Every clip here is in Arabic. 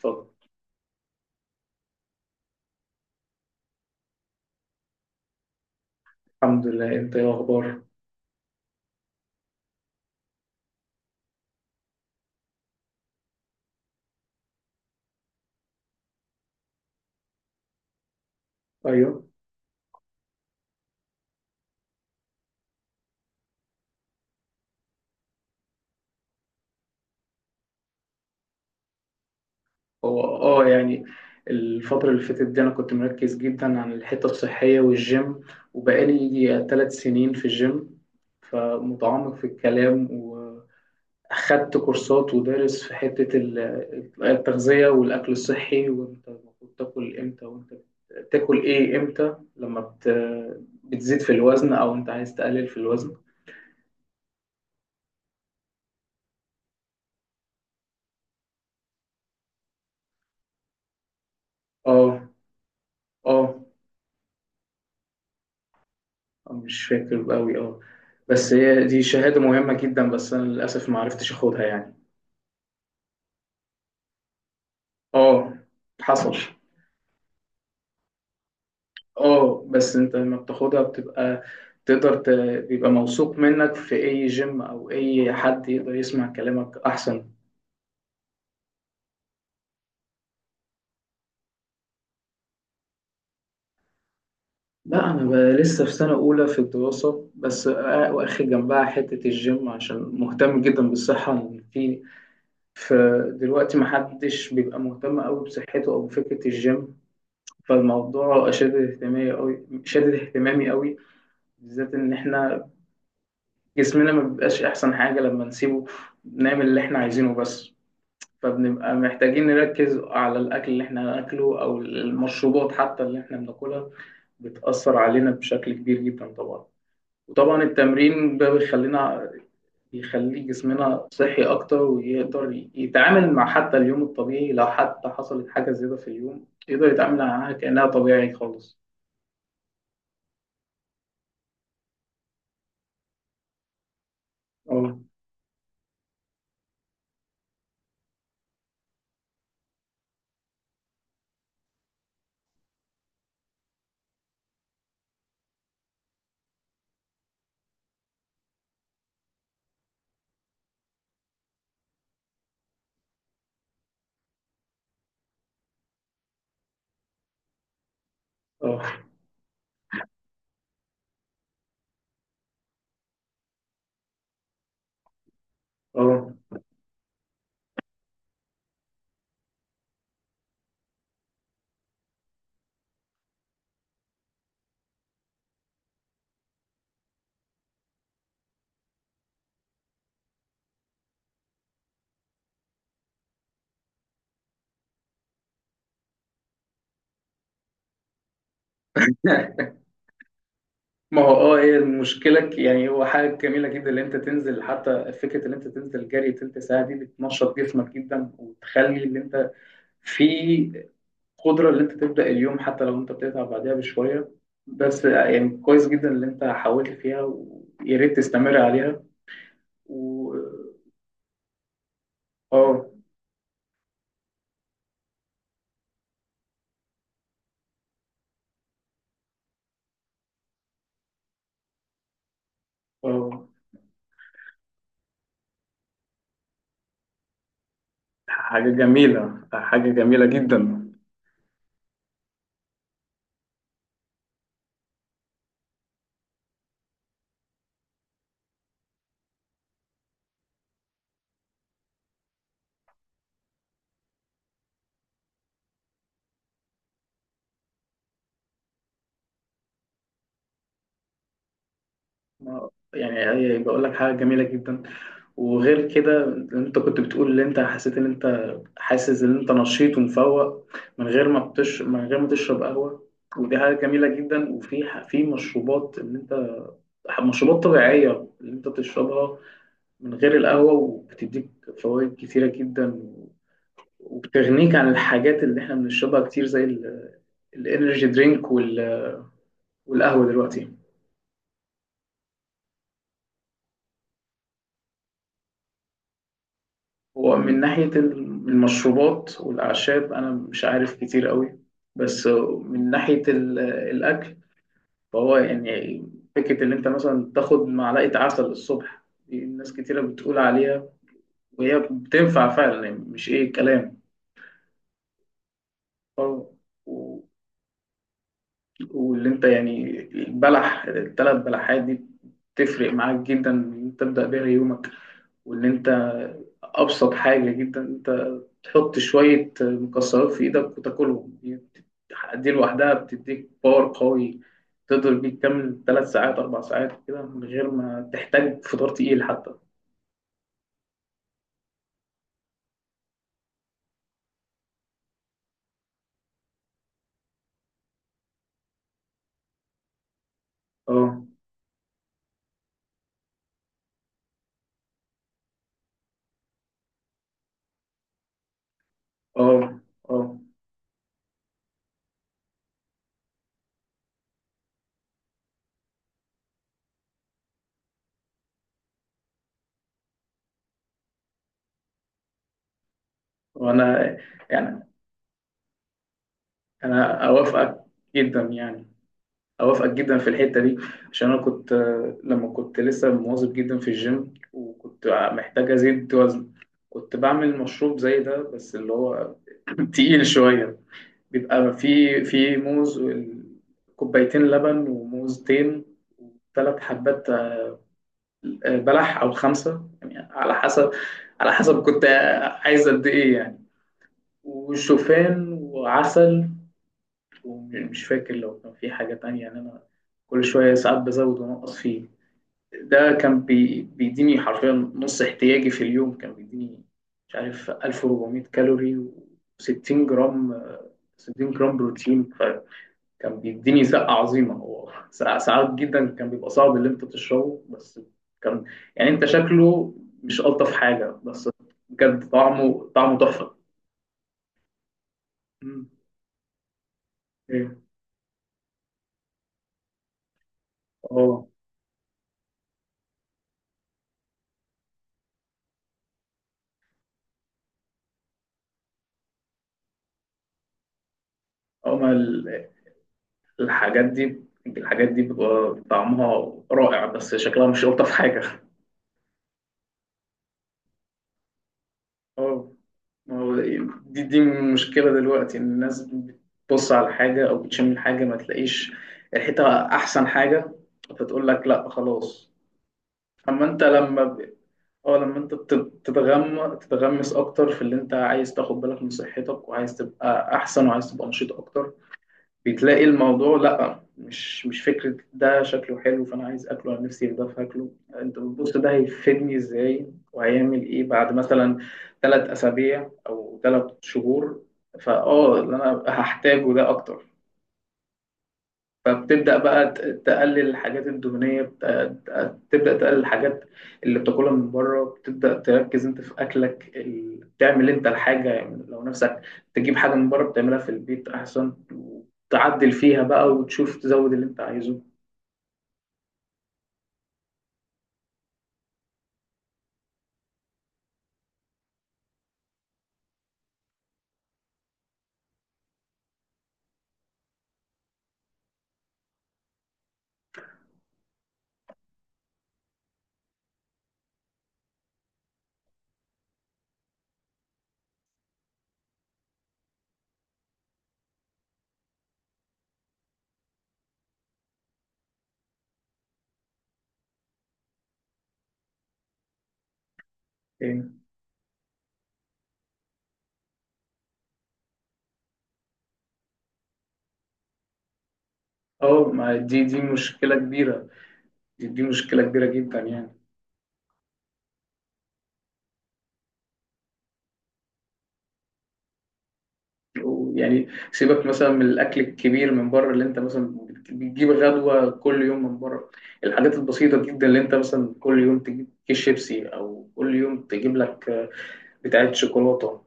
طب الحمد لله، انت ايه الاخبار؟ ايوه، هو الفترة اللي فاتت دي انا كنت مركز جدا عن الحتة الصحية والجيم، وبقالي يجي ثلاث سنين في الجيم، فمتعمق في الكلام. واخدت كورسات ودارس في التغذية والاكل الصحي، وانت المفروض تاكل امتى، وانت تاكل ايه امتى، لما بتزيد في الوزن او انت عايز تقلل في الوزن. اه اه، مش فاكر قوي. اه، بس هي دي شهادة مهمة جدا، بس أنا للأسف ما عرفتش أخدها يعني. اه، حصل. اه، بس أنت لما بتاخدها بتبقى تقدر ت... بيبقى موثوق منك في أي جيم، أو أي حد يقدر يسمع كلامك أحسن. لا، أنا بقى لسه في سنة أولى في الدراسة بس، واخد جنبها حتة الجيم عشان مهتم جدا بالصحة. فدلوقتي محدش بيبقى مهتم أوي بصحته أو بفكرة الجيم، فالموضوع شادد اهتمامي قوي، شادد اهتمامي قوي، بالذات ان احنا جسمنا ما بيبقاش احسن حاجة لما نسيبه نعمل اللي احنا عايزينه بس. فبنبقى محتاجين نركز على الاكل اللي احنا هناكله او المشروبات حتى اللي احنا بناكلها، بتأثر علينا بشكل كبير جدا طبعا. وطبعا التمرين ده يخلي جسمنا صحي أكتر، ويقدر يتعامل مع حتى اليوم الطبيعي، لو حتى حصلت حاجة زيادة في اليوم يقدر يتعامل معاها كأنها طبيعي خالص. اه. اه. اه. ما هو اه، هي المشكلة يعني هو حاجة جميلة جدا اللي انت تنزل، حتى فكرة اللي انت تنزل جري تلت ساعة دي، بتنشط جسمك جدا، وتخلي اللي انت في قدرة اللي انت تبدأ اليوم، حتى لو انت بتتعب بعدها بشوية، بس يعني كويس جدا اللي انت حاولت فيها، ويا ريت تستمر عليها. و اه اه، حاجة جميلة، حاجة جميلة جدا. يعني، بقول لك حاجة جميلة جدا. وغير كده، انت كنت بتقول ان انت حسيت ان انت حاسس ان انت نشيط ومفوق من غير ما تشرب قهوة، ودي حاجة جميلة جدا. وفي في مشروبات ان انت، مشروبات طبيعية اللي انت بتشربها من غير القهوة، وبتديك فوائد كتيرة جدا، وبتغنيك عن الحاجات اللي احنا بنشربها كتير، زي الانرجي درينك والقهوة دلوقتي. هو من ناحية المشروبات والأعشاب أنا مش عارف كتير قوي، بس من ناحية الأكل، فهو يعني فكرة إن أنت مثلا تاخد معلقة عسل الصبح، دي ناس كتيرة بتقول عليها، وهي بتنفع فعلا، يعني مش إيه كلام. اه، واللي انت يعني البلح، الثلاث بلحات دي بتفرق معاك جدا ان انت تبدأ بيها يومك. وان انت، ابسط حاجة جدا، انت تحط شوية مكسرات في ايدك وتاكلهم، دي دي لوحدها بتديك باور قوي، تقدر بيه تكمل ثلاث ساعات اربع ساعات كده، من غير ما تحتاج فطار تقيل حتى. اه. اه. اه. وانا يعني، انا اوافقك جدا يعني، أوافقك جدا في الحتة دي. عشان أنا كنت، لما كنت لسه مواظب جدا في الجيم، وكنت محتاج أزيد وزن، كنت بعمل مشروب زي ده بس اللي هو تقيل شوية. بيبقى فيه موز كوبايتين لبن، وموزتين، وثلاث حبات، بلح أو خمسة، يعني على حسب، على حسب كنت عايز قد إيه يعني. وشوفان وعسل، ومش فاكر لو كان في حاجة تانية. يعني أنا كل شوية ساعات بزود وأنقص فيه. ده كان بيديني حرفيا نص احتياجي في اليوم، كان بيديني مش عارف 1400 كالوري و60 جرام، 60 جرام بروتين. فكان بيديني زقة عظيمة. هو ساعات جدا كان بيبقى صعب اللي انت تشربه، بس كان يعني انت شكله مش ألطف حاجة، بس بجد طعمه، طعمه تحفة. مم. ايه. اه. اه. ما الحاجات دي، الحاجات دي بتبقى طعمها رائع، بس شكلها مش ألطف حاجة. اه، ما هو دي دي مشكلة دلوقتي، إن الناس بتبص على حاجة أو بتشم الحاجة، ما تلاقيش ريحتها أحسن حاجة، فتقول لك لأ خلاص. أما أنت أه، لما أنت بت- بتتغم تتغمس أكتر في اللي أنت عايز تاخد بالك من صحتك، وعايز تبقى أحسن، وعايز تبقى نشيط أكتر، بتلاقي الموضوع لا، مش مش فكرة ده شكله حلو فأنا عايز أكله، أنا نفسي في ده فاكله. أنت بتبص ده هيفيدني إزاي، وهيعمل إيه بعد مثلا ثلاث أسابيع أو ثلاث شهور. فأه، اللي أنا هحتاجه ده أكتر. فبتبدأ بقى تقلل الحاجات الدهنية، تبدأ تقلل الحاجات اللي بتاكلها من بره. بتبدأ تركز انت في أكلك تعمل انت الحاجة، يعني لو نفسك تجيب حاجة من بره بتعملها في البيت أحسن، وتعدل فيها بقى، وتشوف تزود اللي انت عايزه، يعني. اه، ما دي دي مشكلة كبيرة، دي، دي مشكلة كبيرة جدا يعني. يعني سيبك مثلا من الاكل الكبير من بره اللي انت مثلا بتجيب غدوه كل يوم من بره، الحاجات البسيطه جدا اللي انت مثلا كل يوم تجيب كيس شيبسي، او كل يوم تجيب لك بتاعه شوكولاته،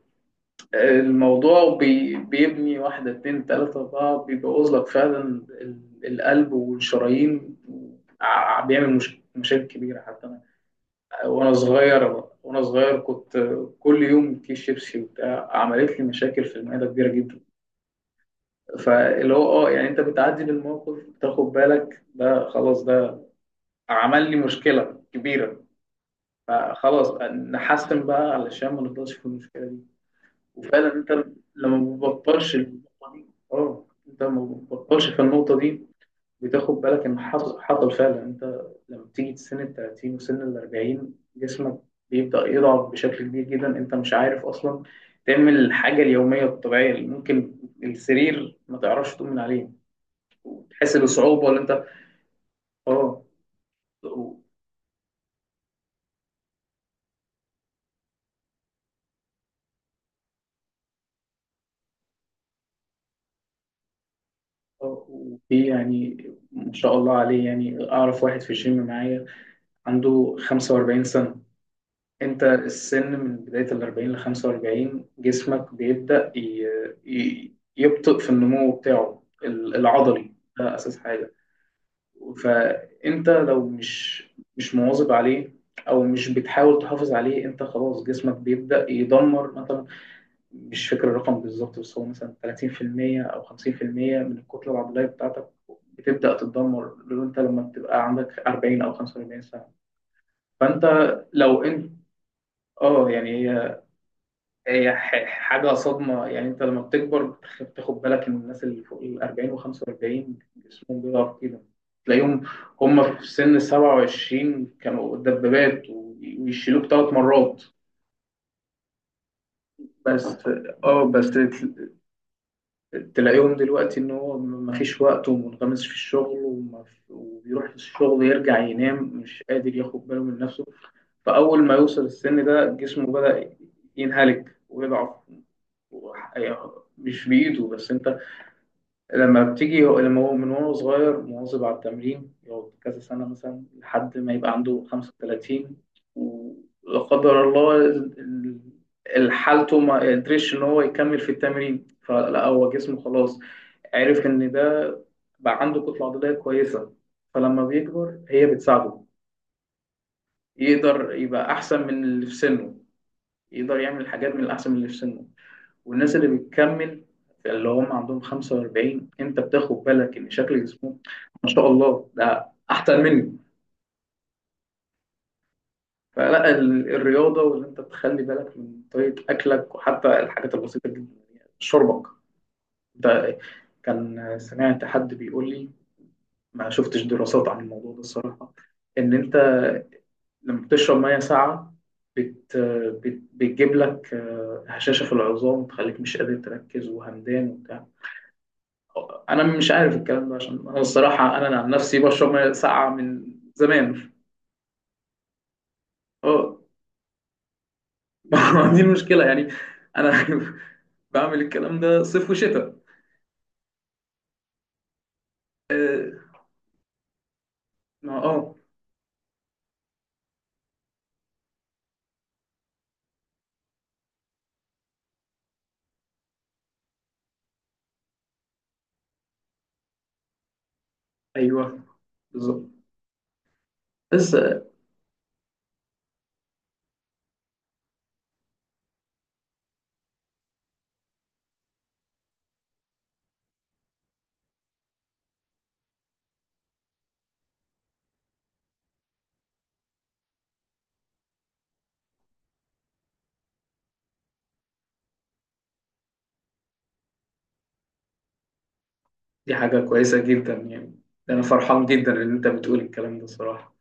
الموضوع بيبني واحده اتنين تلاته اربعه، بيبوظ لك فعلا ال- القلب والشرايين، بيعمل مشاكل كبيره. حتى انا وانا صغير كنت كل يوم كيس شيبسي وبتاع، عملت لي مشاكل في المعده كبيره جدا. فاللي هو اه يعني انت بتعدي بالموقف، بتاخد بالك ده خلاص، ده عمل لي مشكله كبيره، فخلاص نحسن بقى علشان ما نفضلش في المشكله دي. وفعلا انت لما ما بتبطلش النقطه دي، اه انت ما بتبطلش في النقطه دي، بتاخد بالك ان حصل حصل. فعلا انت لما بتيجي سن ال 30 وسن ال 40، جسمك بيبدا يضعف بشكل كبير جدا، انت مش عارف اصلا تعمل الحاجه اليوميه الطبيعيه. اللي ممكن السرير ما تعرفش تؤمن عليه، تحس بصعوبة. ولا أنت؟ آه. و- وفي يعني، ما شاء الله عليه، يعني أعرف واحد في الجيم معايا عنده 45 سنة. أنت السن من بداية ال 40 ل 45 جسمك بيبدأ يبطئ في النمو بتاعه العضلي، ده أساس حاجة. فأنت لو مش مواظب عليه أو مش بتحاول تحافظ عليه، أنت خلاص جسمك بيبدأ يدمر. مثلا مش فاكر الرقم بالظبط، بس هو مثلا 30% أو 50% من الكتلة العضلية بتاعتك بتبدأ تتدمر، لو أنت لما بتبقى عندك 40 أو 45 سنة. فأنت لو أنت اه يعني هي، هي حاجة صدمة يعني. أنت لما بتكبر بتاخد بالك إن الناس اللي فوق ال 40 و 45 جسمهم بيضعف كده، تلاقيهم هم في سن 27 كانوا دبابات ويشيلوك ثلاث مرات. بس اه، بس تلاقيهم دلوقتي ان هو ما فيش وقت، ومنغمس في الشغل، وبيروح الشغل يرجع ينام، مش قادر ياخد باله من نفسه. فاول ما يوصل السن ده جسمه بدأ ينهلك ويضعف. يعني مش بايده. بس انت لما هو من وهو صغير مواظب على التمرين، يقعد كذا سنة مثلا لحد ما يبقى عنده 35، ولا قدر الله حالته ما قدرش ان هو يكمل في التمرين، فلا، هو جسمه خلاص عرف إن ده بقى عنده كتلة عضلية كويسة، فلما بيكبر هي بتساعده، يقدر يبقى أحسن من اللي في سنه، يقدر يعمل حاجات من الأحسن من اللي في سنه. والناس اللي بتكمل اللي هم عندهم 45، أنت بتاخد بالك إن شكل جسمهم، ما شاء الله، ده أحسن مني. فلا الرياضة وإن أنت تخلي بالك من طريقة أكلك، وحتى الحاجات البسيطة جدا، يعني شربك ده، كان سمعت حد بيقول لي، ما شفتش دراسات عن الموضوع ده الصراحة، إن أنت لما بتشرب مية ساقعة، بت... بتجيب لك، هشاشة في العظام، وتخليك مش قادر تركز، وهمدان وبتاع. أنا مش عارف الكلام ده، عشان أنا الصراحة أنا عن نفسي بشرب مية ساقعة من زمان. أه ما دي المشكلة يعني. أنا بعمل الكلام ده صيف وشتاء. أه ما- آه، أيوه، بالظبط. بس دي حاجة كويسة جدا يعني، أنا فرحان جدا إن أنت بتقول الكلام ده الصراحة.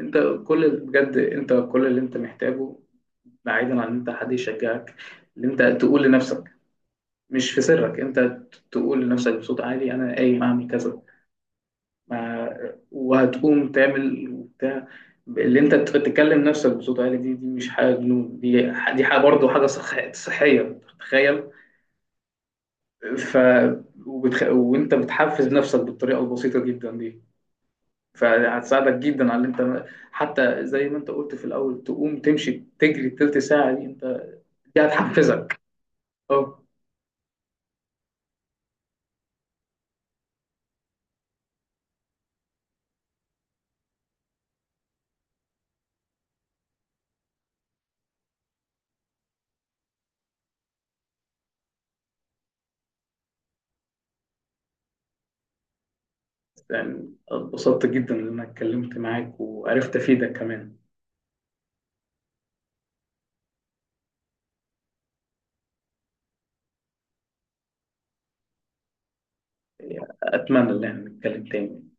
انت كل، بجد انت كل اللي انت محتاجه، بعيدا عن ان انت حد يشجعك، ان انت تقول لنفسك، مش في سرك، انت تقول لنفسك بصوت عالي انا قايم اعمل كذا. ما وهتقوم تعمل وبتاع. اللي انت تتكلم نفسك بصوت عالي دي، دي مش حاجه جنون، دي دي حاجه برضه حاجه صحيه، تخيل. ف وانت بتحفز نفسك بالطريقه البسيطه جدا دي، فهتساعدك جدا على اللي انت، حتى زي ما انت قلت في الاول، تقوم تمشي تجري التلت ساعه دي، انت دي هتحفزك. اه، يعني اتبسطت جدا ان انا اتكلمت معاك، وعرفت افيدك كمان. يعني اتمنى ان احنا نتكلم تاني.